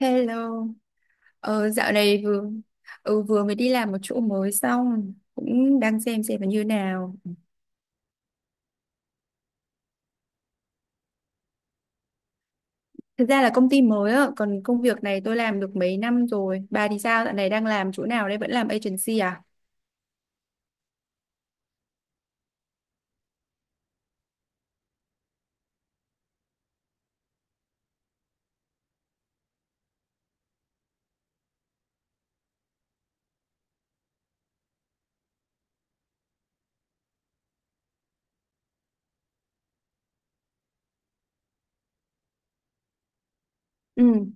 Hello. Dạo này vừa vừa mới đi làm một chỗ mới xong cũng đang xem là như nào. Thực ra là công ty mới á, còn công việc này tôi làm được mấy năm rồi. Bà thì sao? Dạo này đang làm chỗ nào đây? Vẫn làm agency à? Ừ.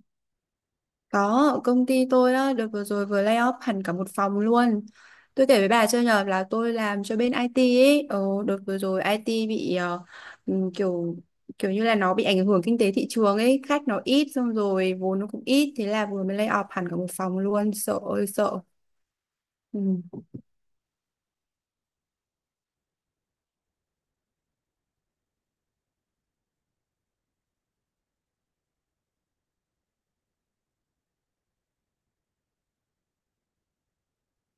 Có, ở công ty tôi á, đợt vừa rồi vừa lay off hẳn cả một phòng luôn. Tôi kể với bà chưa nhờ là tôi làm cho bên IT ấy. Ờ, Đợt vừa rồi IT bị kiểu kiểu như là nó bị ảnh hưởng kinh tế thị trường ấy. Khách nó ít xong rồi vốn nó cũng ít. Thế là vừa mới lay off hẳn cả một phòng luôn. Sợ ơi sợ. Ừ.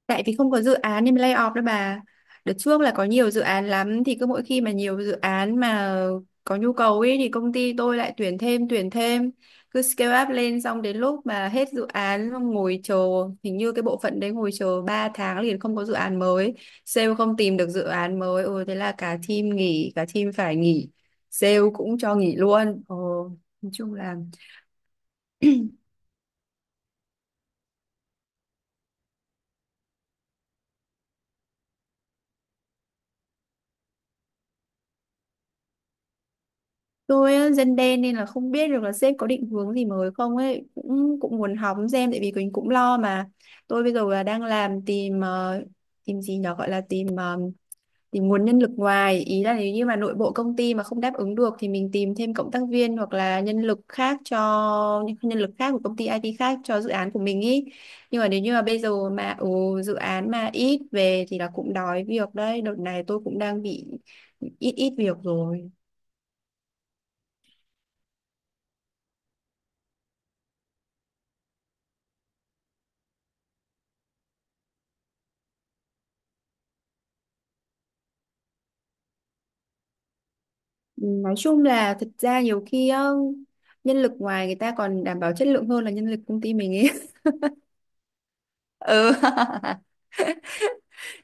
Tại vì không có dự án nên mới lay off đó bà. Đợt trước là có nhiều dự án lắm, thì cứ mỗi khi mà nhiều dự án mà có nhu cầu ấy thì công ty tôi lại tuyển thêm tuyển thêm, cứ scale up lên xong đến lúc mà hết dự án xong ngồi chờ, hình như cái bộ phận đấy ngồi chờ 3 tháng liền không có dự án mới, sale không tìm được dự án mới, ừ thế là cả team nghỉ, cả team phải nghỉ, sale cũng cho nghỉ luôn. Ồ, nói chung là tôi á, dân đen nên là không biết được là sếp có định hướng gì mới không ấy, cũng cũng muốn hóng xem tại vì mình cũng lo mà. Tôi bây giờ là đang làm tìm tìm gì nhở, gọi là tìm tìm nguồn nhân lực ngoài, ý là nếu như mà nội bộ công ty mà không đáp ứng được thì mình tìm thêm cộng tác viên hoặc là nhân lực khác cho những nhân lực khác của công ty IT khác cho dự án của mình, ý nhưng mà nếu như mà bây giờ mà dự án mà ít về thì là cũng đói việc đấy. Đợt này tôi cũng đang bị ít ít việc rồi. Nói chung là thật ra nhiều khi á, nhân lực ngoài người ta còn đảm bảo chất lượng hơn là nhân lực công ty mình ấy. Ừ.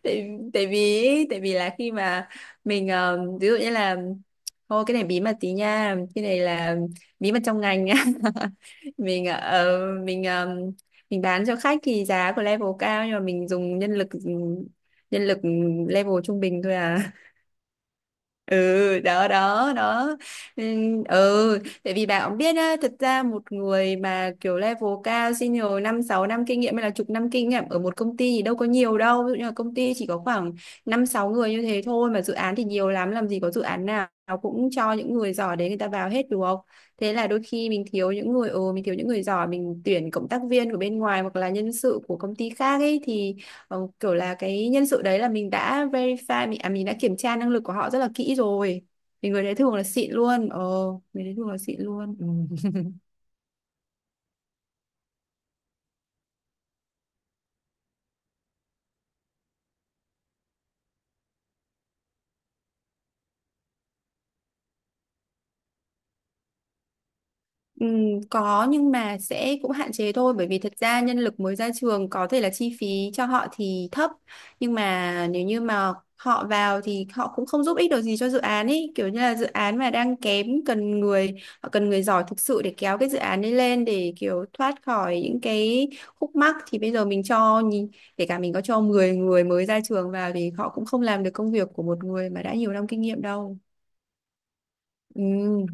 Tại vì ấy, tại vì là khi mà mình ví dụ như là thôi, cái này bí mật tí nha, cái này là bí mật trong ngành nha. Mình ờ, ờ, mình bán cho khách thì giá của level cao nhưng mà mình dùng nhân lực level trung bình thôi à. Ừ, đó đó đó. Ừ ừ, tại vì bà cũng biết á, thật ra một người mà kiểu level cao senior năm sáu năm kinh nghiệm hay là chục năm kinh nghiệm ở một công ty thì đâu có nhiều đâu. Ví dụ như là công ty chỉ có khoảng năm sáu người như thế thôi mà dự án thì nhiều lắm, làm gì có dự án nào cũng cho những người giỏi đấy người ta vào hết được không. Thế là đôi khi mình thiếu những người, mình thiếu những người giỏi, mình tuyển cộng tác viên của bên ngoài hoặc là nhân sự của công ty khác ấy, thì kiểu là cái nhân sự đấy là mình đã verify, mình đã kiểm tra năng lực của họ rất là kỹ rồi, thì người đấy thường là xịn luôn. Ờ Người đấy thường là xịn luôn. Ừ. Có nhưng mà sẽ cũng hạn chế thôi, bởi vì thật ra nhân lực mới ra trường có thể là chi phí cho họ thì thấp, nhưng mà nếu như mà họ vào thì họ cũng không giúp ích được gì cho dự án ấy, kiểu như là dự án mà đang kém cần người, họ cần người giỏi thực sự để kéo cái dự án ấy lên, để kiểu thoát khỏi những cái khúc mắc. Thì bây giờ mình cho nhìn, kể cả mình có cho 10 người mới ra trường vào thì họ cũng không làm được công việc của một người mà đã nhiều năm kinh nghiệm đâu. Ừ.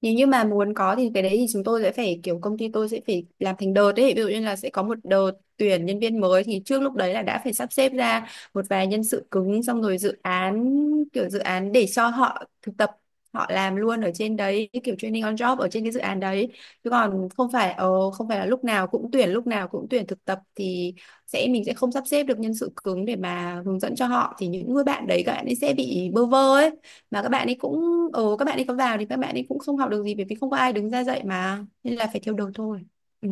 Nếu như mà muốn có thì cái đấy thì chúng tôi sẽ phải kiểu công ty tôi sẽ phải làm thành đợt ấy, ví dụ như là sẽ có một đợt tuyển nhân viên mới thì trước lúc đấy là đã phải sắp xếp ra một vài nhân sự cứng xong rồi dự án, kiểu dự án để cho họ thực tập, họ làm luôn ở trên đấy, kiểu training on job ở trên cái dự án đấy, chứ còn không phải không phải là lúc nào cũng tuyển, lúc nào cũng tuyển thực tập thì sẽ mình sẽ không sắp xếp được nhân sự cứng để mà hướng dẫn cho họ, thì những người bạn đấy các bạn ấy sẽ bị bơ vơ ấy. Mà các bạn ấy cũng, ừ, các bạn ấy có vào thì các bạn ấy cũng không học được gì bởi vì không có ai đứng ra dạy mà, nên là phải theo đầu thôi. Ừ.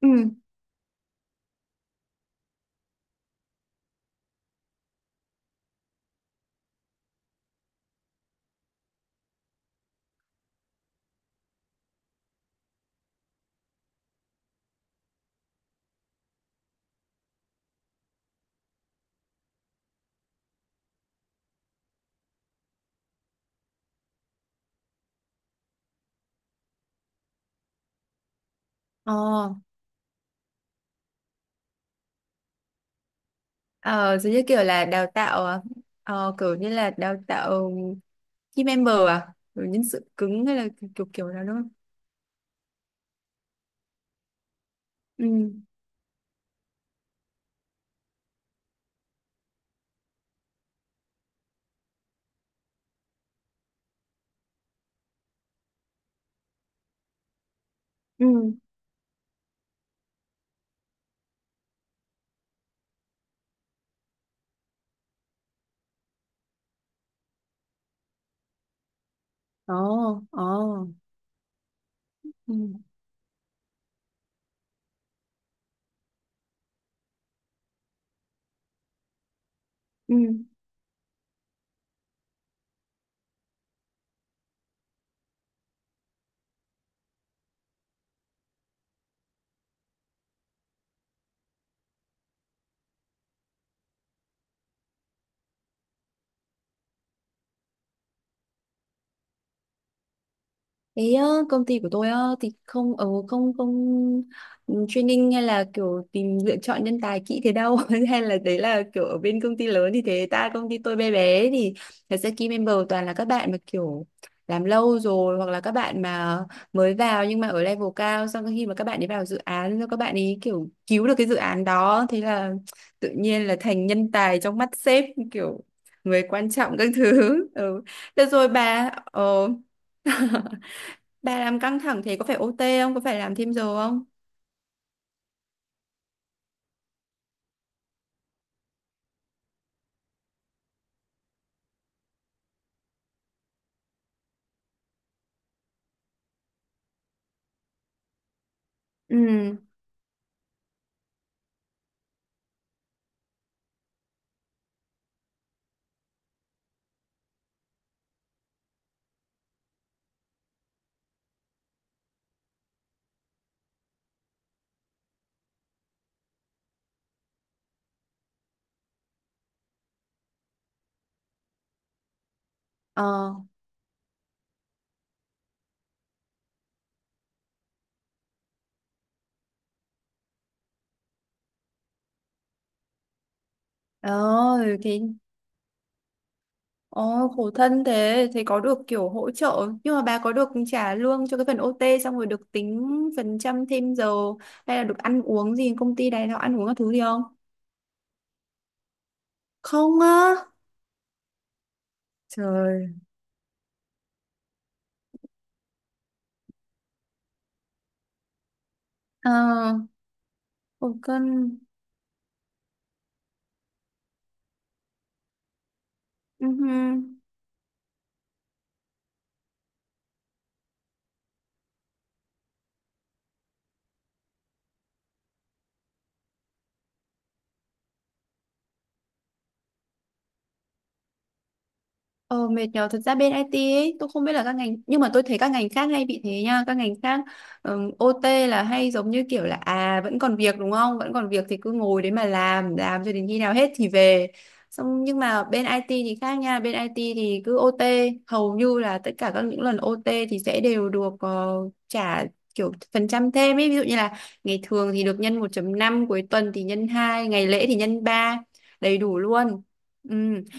Ừ. Ờ, ờ, giống như kiểu là đào tạo ờ, ờ, kiểu như là đào tạo team member à? Kiểu nhân sự cứng hay là kiểu kiểu đó đúng không? Ừ. Ừ. Ồ, ồ. Ừ. Ừ. Ý á, công ty của tôi á, thì không, ở không không training hay là kiểu tìm lựa chọn nhân tài kỹ thế đâu, hay là đấy là kiểu ở bên công ty lớn thì thế, ta công ty tôi bé bé thì thật ra key member toàn là các bạn mà kiểu làm lâu rồi hoặc là các bạn mà mới vào nhưng mà ở level cao, xong khi mà các bạn ấy vào dự án rồi các bạn ấy kiểu cứu được cái dự án đó, thế là tự nhiên là thành nhân tài trong mắt sếp, kiểu người quan trọng các thứ. Ừ. Được rồi bà. Ờ Bà làm căng thẳng thế có phải OT không? Có phải làm thêm giờ không? Ừ, ờ, rồi thì ôi, khổ thân thế. Thì có được kiểu hỗ trợ, nhưng mà bà có được trả lương cho cái phần OT xong rồi được tính phần trăm thêm giờ hay là được ăn uống gì, công ty này nó ăn uống các thứ gì không? Không á. Trời, ờ, khổ thân, uh Ờ, mệt nhờ. Thật ra bên IT ấy, tôi không biết là các ngành, nhưng mà tôi thấy các ngành khác hay bị thế nha, các ngành khác OT là hay giống như kiểu là, à, vẫn còn việc đúng không, vẫn còn việc thì cứ ngồi đấy mà làm cho đến khi nào hết thì về xong. Nhưng mà bên IT thì khác nha, bên IT thì cứ OT hầu như là tất cả các những lần OT thì sẽ đều được trả kiểu phần trăm thêm ấy, ví dụ như là ngày thường thì được nhân 1,5, cuối tuần thì nhân 2, ngày lễ thì nhân 3, đầy đủ luôn. Ừ,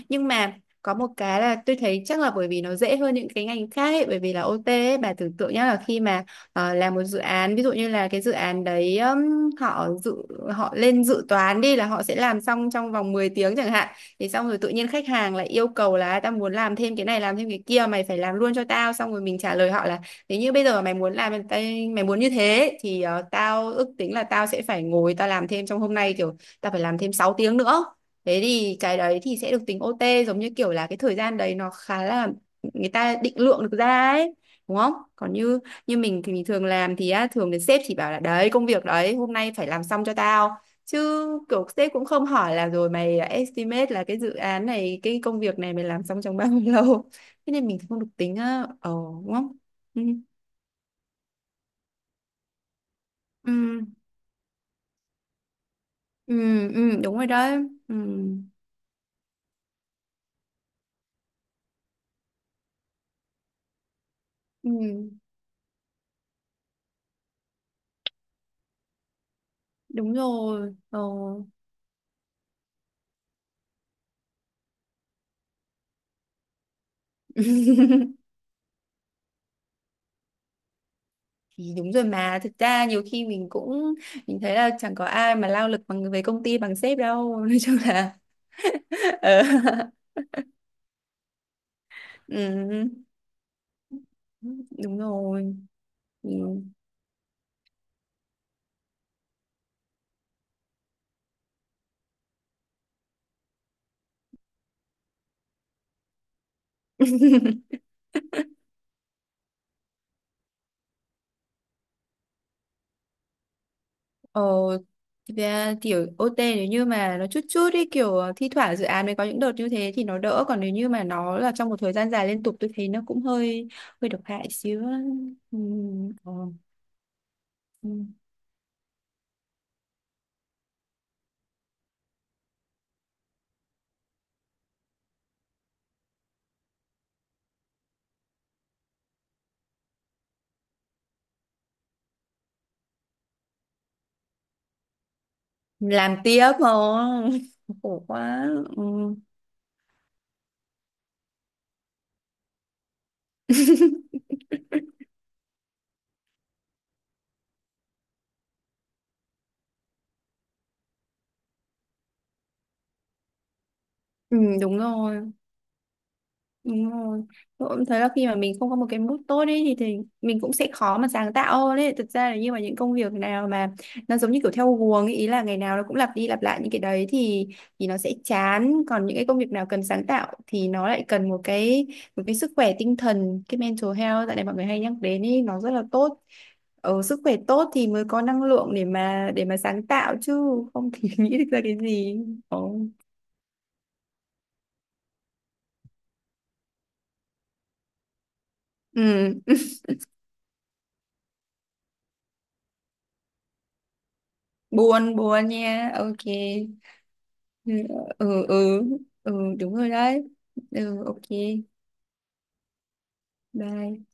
nhưng mà có một cái là tôi thấy chắc là bởi vì nó dễ hơn những cái ngành khác ấy, bởi vì là OT ấy, bà tưởng tượng nhá, là khi mà làm một dự án ví dụ như là cái dự án đấy họ lên dự toán đi, là họ sẽ làm xong trong vòng 10 tiếng chẳng hạn, thì xong rồi tự nhiên khách hàng lại yêu cầu là tao muốn làm thêm cái này làm thêm cái kia mày phải làm luôn cho tao, xong rồi mình trả lời họ là nếu như bây giờ mày muốn như thế thì tao ước tính là tao sẽ phải ngồi tao làm thêm trong hôm nay, kiểu tao phải làm thêm 6 tiếng nữa, thế thì cái đấy thì sẽ được tính OT, giống như kiểu là cái thời gian đấy nó khá là người ta định lượng được ra ấy, đúng không? Còn như như mình thì mình thường làm thì á, thường thì sếp chỉ bảo là đấy công việc đấy hôm nay phải làm xong cho tao, chứ kiểu sếp cũng không hỏi là rồi mày estimate là cái dự án này cái công việc này mày làm xong trong bao nhiêu lâu, thế nên mình không được tính á, đúng không? Ừ. Ừ, ừ, ừ, đúng rồi đấy. Ừ, ừ, đúng rồi. Ờ, ừ. Thì đúng rồi, mà thực ra nhiều khi mình cũng, mình thấy là chẳng có ai mà lao lực bằng về công ty bằng sếp đâu. Nói chung là ờ, ừ, đúng rồi. Ừ, ờ thực ra kiểu OT nếu như mà nó chút chút ấy, kiểu thi thoảng dự án mới có những đợt như thế thì nó đỡ, còn nếu như mà nó là trong một thời gian dài liên tục tôi thấy nó cũng hơi hơi độc hại xíu á. Ừ. ờ, ừ. Làm tiếp không? Khổ quá. Ừ. Ừ, đúng rồi. Đúng rồi. Tôi cũng thấy là khi mà mình không có một cái mood tốt ấy thì mình cũng sẽ khó mà sáng tạo hơn ấy. Thực ra là như mà những công việc nào mà nó giống như kiểu theo guồng ấy, ý là ngày nào nó cũng lặp đi lặp lại những cái đấy, thì nó sẽ chán. Còn những cái công việc nào cần sáng tạo thì nó lại cần một cái sức khỏe tinh thần, cái mental health tại này mọi người hay nhắc đến ấy, nó rất là tốt. Ở sức khỏe tốt thì mới có năng lượng để mà sáng tạo chứ không thì nghĩ được ra cái gì. Ồ. Ừ, buồn buồn nha. Ok. Ừ, ừ, ừ, ừ, đúng rồi đấy. Ừ, ok, bye